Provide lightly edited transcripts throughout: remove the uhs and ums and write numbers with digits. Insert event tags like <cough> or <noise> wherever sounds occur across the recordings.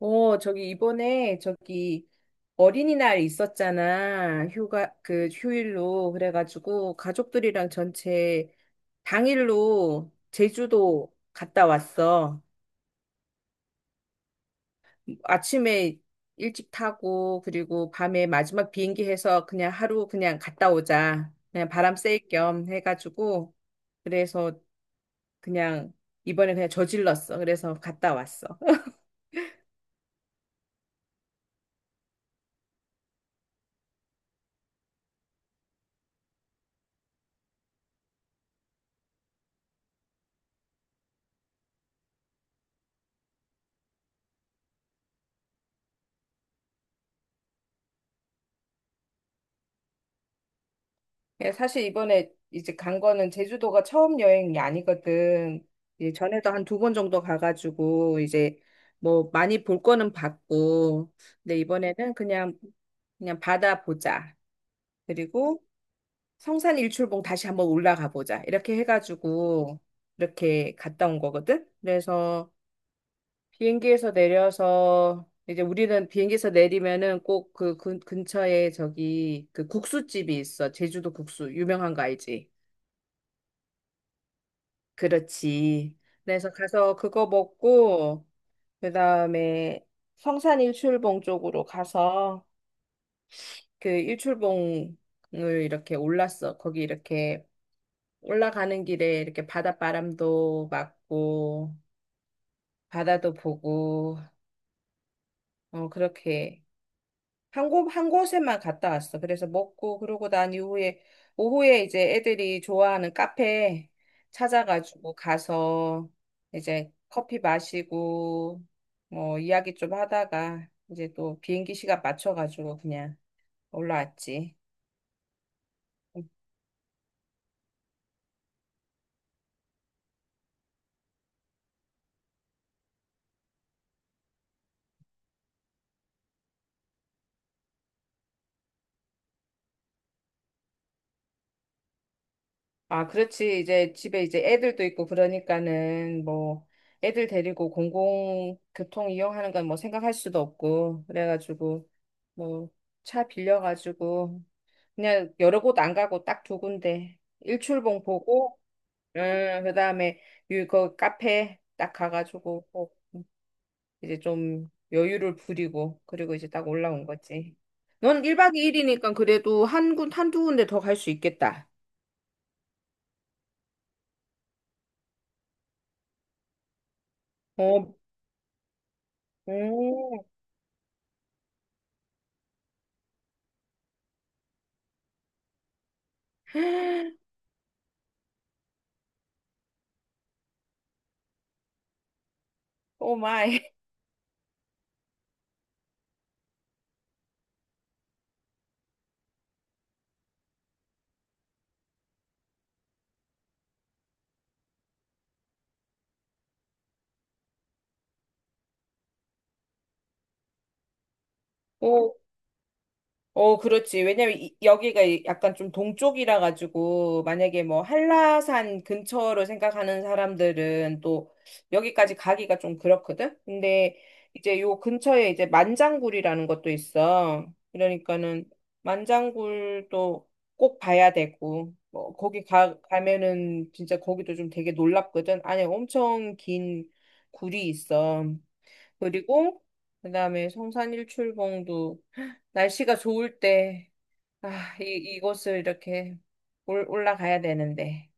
어, 저기 이번에 저기 어린이날 있었잖아. 휴가 그 휴일로 그래가지고 가족들이랑 전체 당일로 제주도 갔다 왔어. 아침에 일찍 타고 그리고 밤에 마지막 비행기 해서 그냥 하루 그냥 갔다 오자. 그냥 바람 쐴 겸 해가지고 그래서 그냥 이번에 그냥 저질렀어. 그래서 갔다 왔어. 예, 사실 이번에 이제 간 거는 제주도가 처음 여행이 아니거든. 이제 전에도 한 두 번 정도 가가지고 이제 뭐 많이 볼 거는 봤고, 근데 이번에는 그냥 바다 보자. 그리고 성산 일출봉 다시 한번 올라가 보자. 이렇게 해가지고 이렇게 갔다 온 거거든. 그래서 비행기에서 내려서 이제 우리는 비행기에서 내리면은 꼭 그 근처에 저기 그 국수집이 있어. 제주도 국수 유명한 거 알지? 그렇지. 그래서 가서 그거 먹고, 그 다음에 성산 일출봉 쪽으로 가서 그 일출봉을 이렇게 올랐어. 거기 이렇게 올라가는 길에 이렇게 바닷바람도 맞고, 바다도 보고, 어, 그렇게. 한 곳, 한 곳에만 갔다 왔어. 그래서 먹고, 그러고 난 이후에, 오후에 이제 애들이 좋아하는 카페 찾아가지고 가서 이제 커피 마시고, 뭐, 이야기 좀 하다가 이제 또 비행기 시간 맞춰가지고 그냥 올라왔지. 아, 그렇지. 이제 집에 이제 애들도 있고 그러니까는 뭐, 애들 데리고 공공교통 이용하는 건 뭐 생각할 수도 없고, 그래가지고, 뭐, 차 빌려가지고 그냥 여러 곳 안 가고 딱 두 군데. 일출봉 보고, 그다음에 그 카페 딱 가가지고 꼭 이제 좀 여유를 부리고 그리고 이제 딱 올라온 거지. 넌 1박 2일이니까 그래도 한 군, 한두 군데 더 갈 수 있겠다. 어, 음, 오 마이. <laughs> 오, 어, 그렇지. 왜냐면 여기가 약간 좀 동쪽이라 가지고 만약에 뭐 한라산 근처로 생각하는 사람들은 또 여기까지 가기가 좀 그렇거든. 근데 이제 요 근처에 이제 만장굴이라는 것도 있어. 그러니까는 만장굴도 꼭 봐야 되고 뭐 거기 가 가면은 진짜 거기도 좀 되게 놀랍거든. 안에 엄청 긴 굴이 있어. 그리고 그다음에 성산일출봉도 날씨가 좋을 때 아, 이 이곳을 이렇게 올라가야 되는데.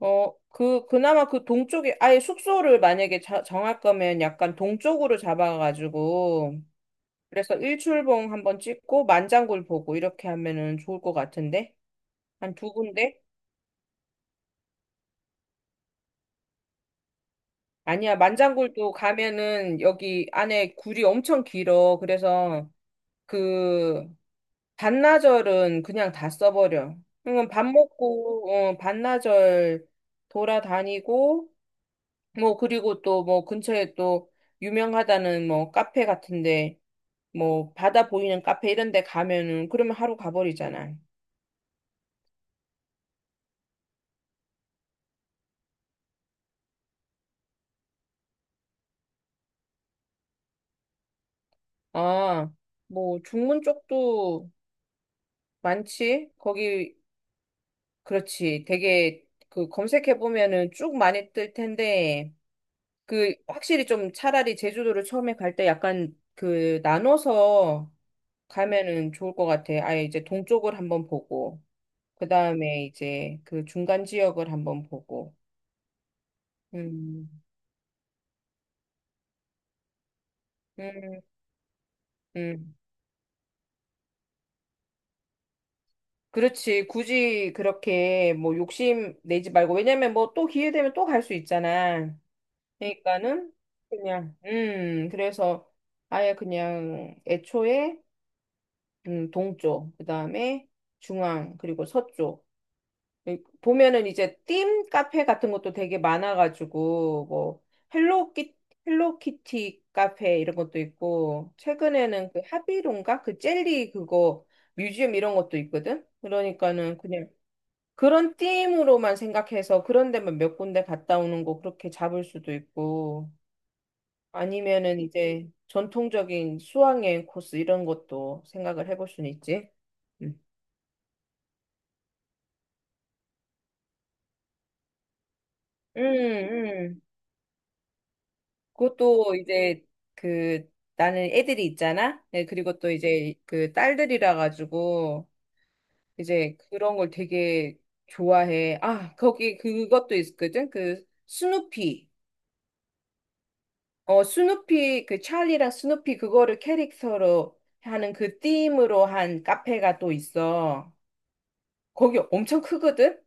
어, 그 그나마 그 동쪽에 아예 숙소를 만약에 정할 거면 약간 동쪽으로 잡아가지고 그래서 일출봉 한번 찍고 만장굴 보고 이렇게 하면은 좋을 것 같은데. 한 두 군데? 아니야, 만장굴도 가면은 여기 안에 굴이 엄청 길어. 그래서 그, 반나절은 그냥 다 써버려. 그밥 먹고, 어, 반나절 돌아다니고, 뭐, 그리고 또 뭐, 근처에 또 유명하다는 뭐, 카페 같은데, 뭐, 바다 보이는 카페 이런 데 가면은, 그러면 하루 가버리잖아. 아, 뭐, 중문 쪽도 많지? 거기, 그렇지. 되게, 그, 검색해보면은 쭉 많이 뜰 텐데, 그, 확실히 좀 차라리 제주도를 처음에 갈 때 약간 그, 나눠서 가면은 좋을 것 같아. 아예 이제 동쪽을 한번 보고, 그 다음에 이제 그 중간 지역을 한번 보고. 음, 음, 음. 그렇지. 굳이 그렇게 뭐 욕심 내지 말고. 왜냐면 뭐 또 기회 되면 또 갈 수 있잖아. 그러니까는 그냥, 그래서 아예 그냥 애초에 동쪽, 그 다음에 중앙, 그리고 서쪽. 예, 보면은 이제 ธี카페 같은 것도 되게 많아가지고 뭐 헬로키 헬로키티 카페 이런 것도 있고 최근에는 그 하비론가 그 젤리 그거 뮤지엄 이런 것도 있거든. 그러니까는 그냥 그런 ธี으로만 생각해서 그런 데만 몇 군데 갔다 오는 거 그렇게 잡을 수도 있고 아니면은 이제 전통적인 수학여행 코스 이런 것도 생각을 해볼 수는 있지. 음, 음. 그것도 이제 그 나는 애들이 있잖아. 네, 그리고 또 이제 그 딸들이라 가지고 이제 그런 걸 되게 좋아해. 아, 거기 그것도 있거든. 그 스누피. 어, 스누피 그 찰리랑 스누피 그거를 캐릭터로 하는 그 ธี으로 한 카페가 또 있어. 거기 엄청 크거든.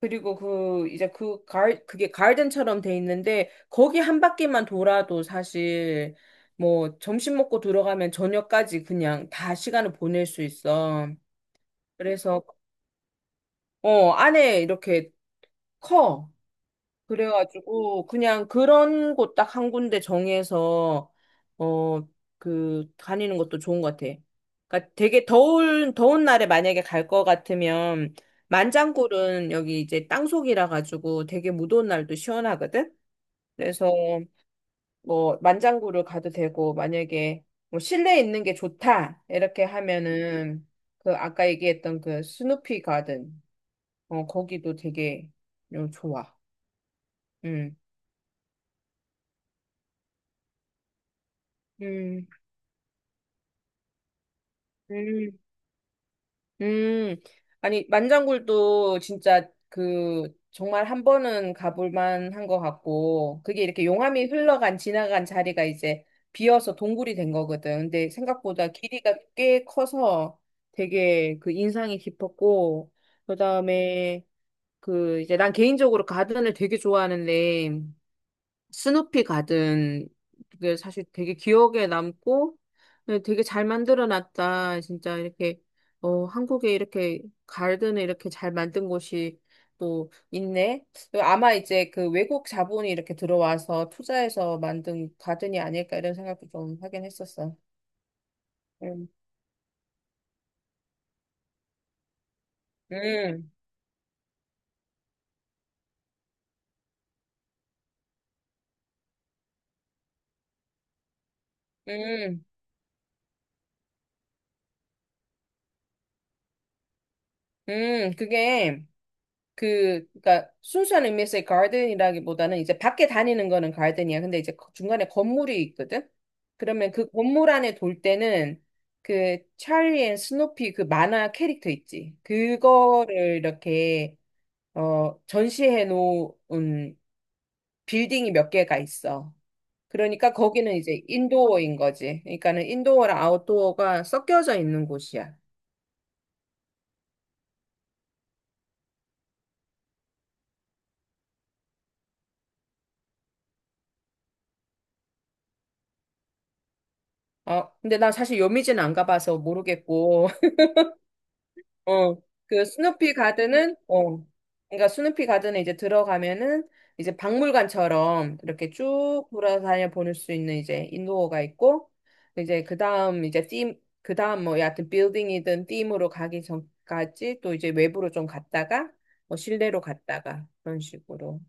그리고 그 이제 그게 가든처럼 돼 있는데 거기 한 바퀴만 돌아도 사실 뭐 점심 먹고 들어가면 저녁까지 그냥 다 시간을 보낼 수 있어. 그래서 어 안에 이렇게 커. 그래가지고 그냥 그런 곳 딱 한 군데 정해서 어 그 다니는 것도 좋은 것 같아. 그러니까 되게 더운 더운 날에 만약에 갈 것 같으면 만장굴은 여기 이제 땅속이라 가지고 되게 무더운 날도 시원하거든. 그래서 뭐 만장굴을 가도 되고 만약에 뭐 실내에 있는 게 좋다 이렇게 하면은 그 아까 얘기했던 그 스누피 가든 어 거기도 되게 어, 좋아. 음. 음. 음. 음, 아니, 만장굴도 진짜 그, 정말 한 번은 가볼 만한 것 같고, 그게 이렇게 용암이 흘러간, 지나간 자리가 이제 비어서 동굴이 된 거거든. 근데 생각보다 길이가 꽤 커서 되게 그 인상이 깊었고, 그 다음에 그 이제 난 개인적으로 가든을 되게 좋아하는데, 스누피 가든 그게 사실 되게 기억에 남고 네, 되게 잘 만들어 놨다. 진짜 이렇게 어 한국에 이렇게 가든을 이렇게 잘 만든 곳이 또 있네. 아마 이제 그 외국 자본이 이렇게 들어와서 투자해서 만든 가든이 아닐까 이런 생각도 좀 하긴 했었어. 음, 음, 음, 그게 그, 그니까, 순수한 의미에서의 가든이라기보다는 이제 밖에 다니는 거는 가든이야. 근데 이제 중간에 건물이 있거든? 그러면 그 건물 안에 돌 때는 그 찰리 앤 스노피 그 만화 캐릭터 있지. 그거를 이렇게, 어, 전시해 놓은 빌딩이 몇 개가 있어. 그러니까 거기는 이제 인도어인 거지. 그러니까는 인도어랑 아웃도어가 섞여져 있는 곳이야. 어, 근데 나 사실 요미진안 가봐서 모르겠고. 어, 그 스누피 가든은, 어, 그러니까 스누피 가든에 이제 들어가면은 이제 박물관처럼 이렇게 쭉 돌아다녀 보낼 수 있는 이제 인도어가 있고, 이제 그 다음 이제 팀, 그 다음 뭐 여하튼 빌딩이든 팀으로 가기 전까지 또 이제 외부로 좀 갔다가, 뭐 실내로 갔다가 그런 식으로.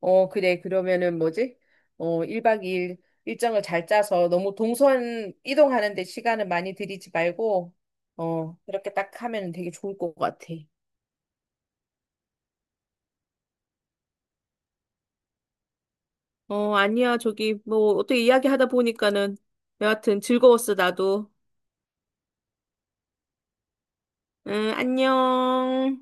어, 그래. 그러면은 뭐지? 어, 1박 2일 일정을 잘 짜서 너무 동선 이동하는데 시간을 많이 들이지 말고, 어, 그렇게 딱 하면 되게 좋을 것 같아. 어, 아니야. 저기, 뭐, 어떻게 이야기하다 보니까는 여하튼 즐거웠어, 나도. 응, 안녕.